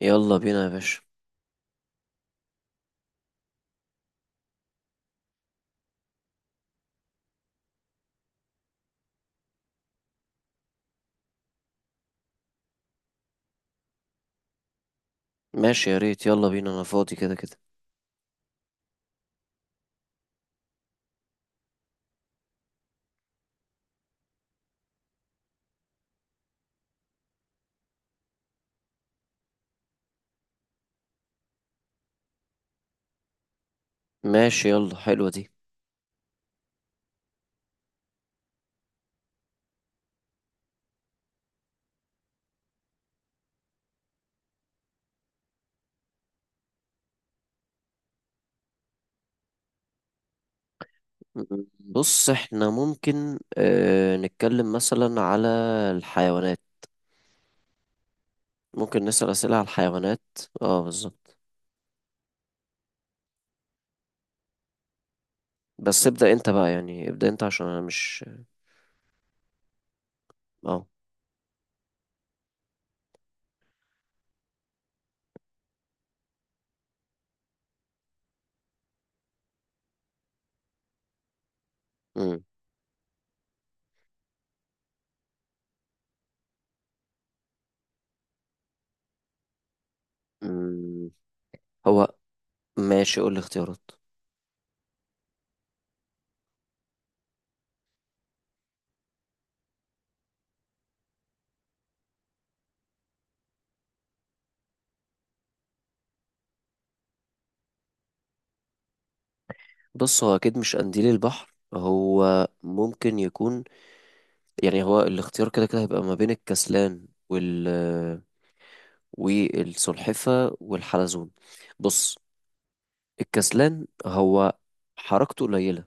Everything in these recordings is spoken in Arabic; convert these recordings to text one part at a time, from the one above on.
يلا بينا يا باشا. ماشي يا ريت، يلا بينا انا فاضي كده كده. ماشي يلا، حلوة دي. م- م. بص احنا ممكن نتكلم مثلا على الحيوانات. ممكن نسأل أسئلة على الحيوانات. اه بالظبط. بس ابدأ انت بقى، يعني ابدأ انت عشان انا مش اه م- م. هو. ماشي قول لي اختيارات. بص هو اكيد مش قنديل البحر، هو ممكن يكون، يعني هو الاختيار كده كده هيبقى ما بين الكسلان والسلحفة والحلزون. بص الكسلان هو حركته قليلة،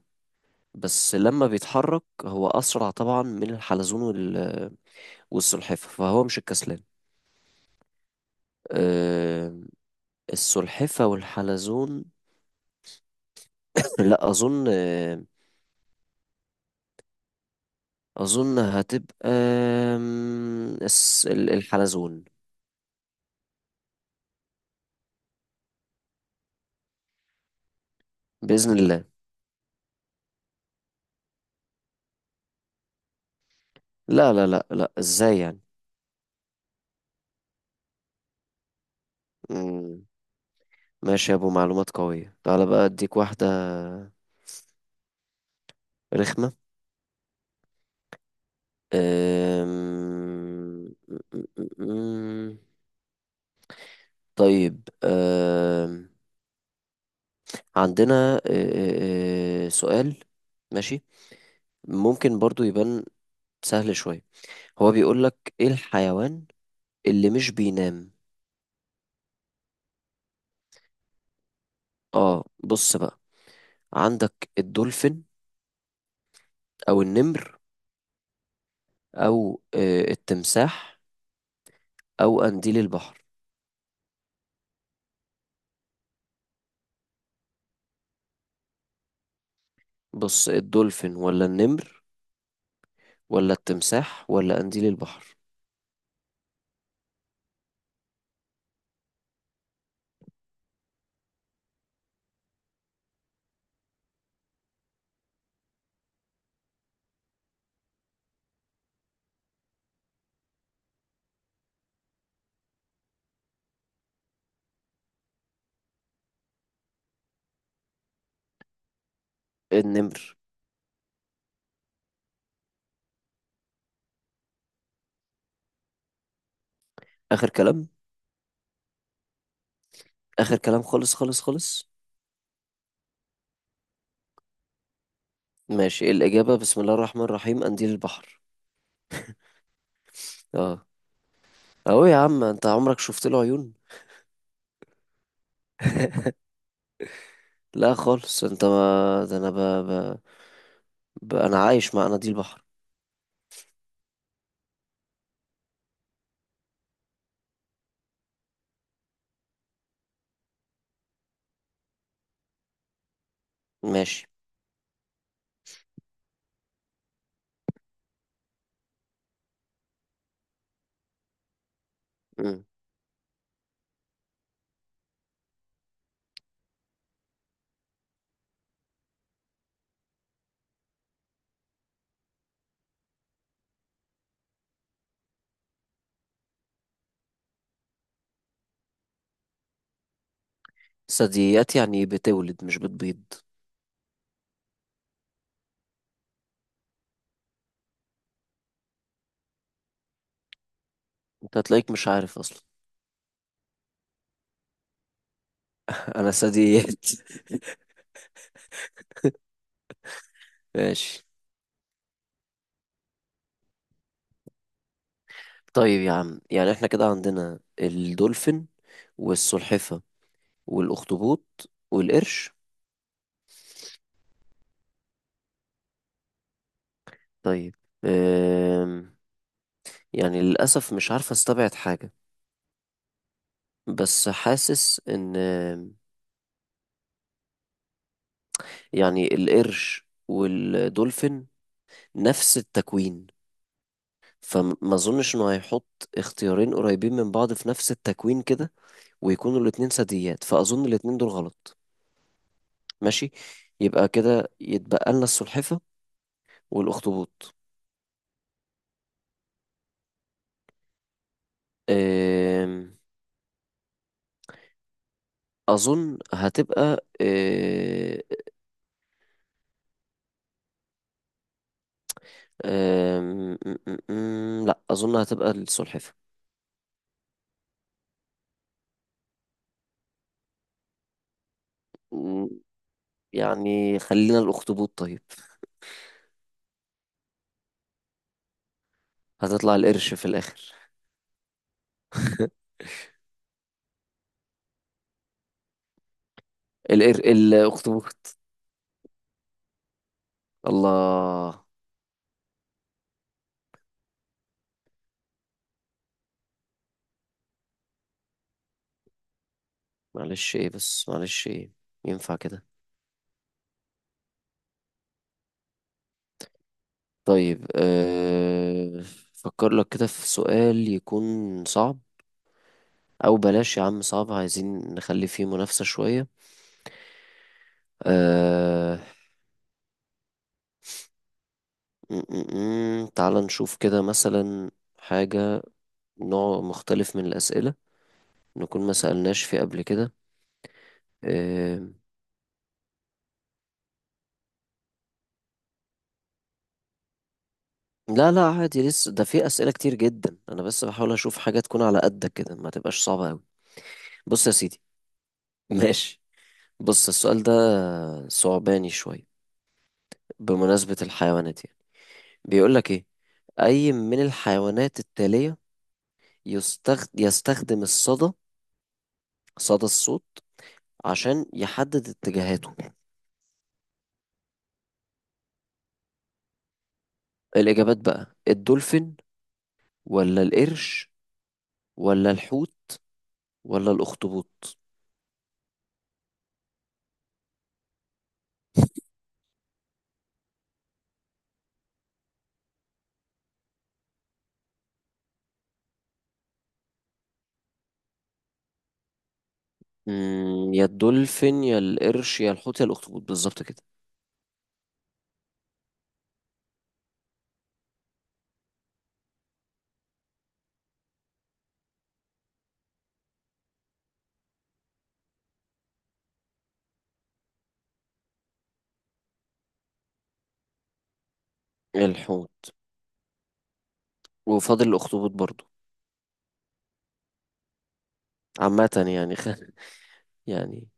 بس لما بيتحرك هو أسرع طبعا من الحلزون والسلحفة، فهو مش الكسلان. آه، السلحفة والحلزون، لا أظن، أظن هتبقى، الحلزون بإذن الله. لا لا لا لا، إزاي يعني؟ مم، ماشي يا أبو معلومات قوية، تعالى بقى أديك واحدة رخمة. أم... أم- طيب أم... عندنا أه، أه، أه، سؤال. ماشي. ممكن برضو يبان سهل شوية. هو بيقولك ايه الحيوان اللي مش بينام؟ اه بص بقى، عندك الدولفين، او النمر، او التمساح، او قنديل البحر. بص الدولفين ولا النمر ولا التمساح ولا قنديل البحر؟ النمر. اخر كلام. اخر كلام خالص خالص خالص. ماشي إيه الإجابة؟ بسم الله الرحمن الرحيم، قنديل البحر. اه. اهو يا عم، انت عمرك شفت له عيون؟ لا خالص، انت ما ده انا ب... ب... ب... انا عايش مع قناديل البحر. ماشي. مم. ثدييات يعني إيه؟ بتولد مش بتبيض؟ انت هتلاقيك مش عارف اصلا. انا ثدييات. ماشي. طيب يا عم يعني احنا كده عندنا الدولفين والسلحفة والاخطبوط والقرش. طيب، أم... يعني للأسف مش عارف استبعد حاجة، بس حاسس ان يعني القرش والدولفين نفس التكوين، فما اظنش انه هيحط اختيارين قريبين من بعض في نفس التكوين كده ويكونوا الاتنين ثدييات، فاظن الاتنين دول غلط. ماشي. يبقى كده يتبقى لنا السلحفة والاخطبوط. أم، اظن هتبقى أه، أم، م- م- م- لا اظن هتبقى السلحفة. م، يعني خلينا الاخطبوط طيب. هتطلع القرش في الاخر. الاخطبوط. الله. معلش ايه بس، معلش ايه، ينفع كده؟ طيب فكر لك كده في سؤال يكون صعب. او بلاش يا عم صعب، عايزين نخلي فيه منافسة شوية. أه... م- م- م. تعال نشوف كده مثلا حاجة، نوع مختلف من الأسئلة نكون ما سألناش فيه قبل كده. أه... لا لا عادي، لسه ده في أسئلة كتير جدا، أنا بس بحاول أشوف حاجة تكون على قدك كده ما تبقاش صعبة أوي. بص يا سيدي. ماشي. بص السؤال ده صعباني شوية. بمناسبة الحيوانات يعني، بيقولك إيه؟ أي من الحيوانات التالية يستخدم الصدى، صدى الصوت، عشان يحدد اتجاهاته؟ الإجابات بقى، الدولفين ولا القرش ولا الحوت ولا الأخطبوط؟ يا الدولفين يا القرش يا الحوت يا الأخطبوط، بالظبط كده. الحوت وفاضل الأخطبوط برضو. عامة يعني خ... يعني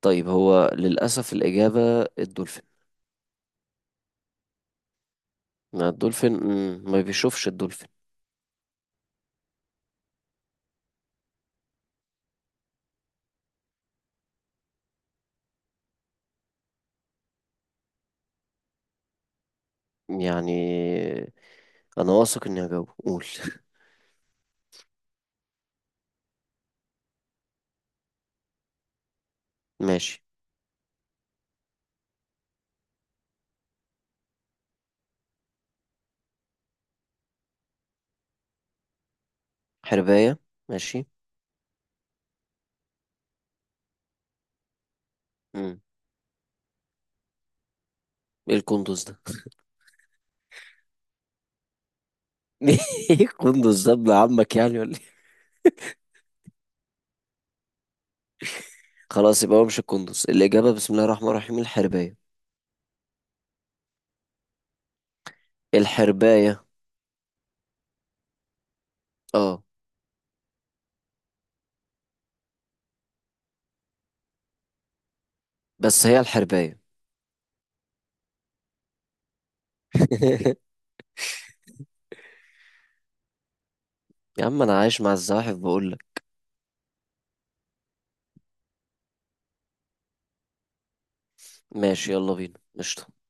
طيب، هو للأسف الإجابة الدولفين. ما الدولفين، ما بيشوفش الدولفين. يعني أنا واثق إني هجاوب، قول. ماشي. حرباية. ماشي. مم. إيه القندوز ده؟ إيه القندوز ده، ابن عمك يعني ولا إيه؟ خلاص، يبقى هو مش القندوز الإجابة. بسم الله الرحمن الرحيم، الحرباية. الحرباية. آه. بس هي الحرباية. يا عم أنا عايش مع الزواحف بقول لك. ماشي يلا بينا، قشطة.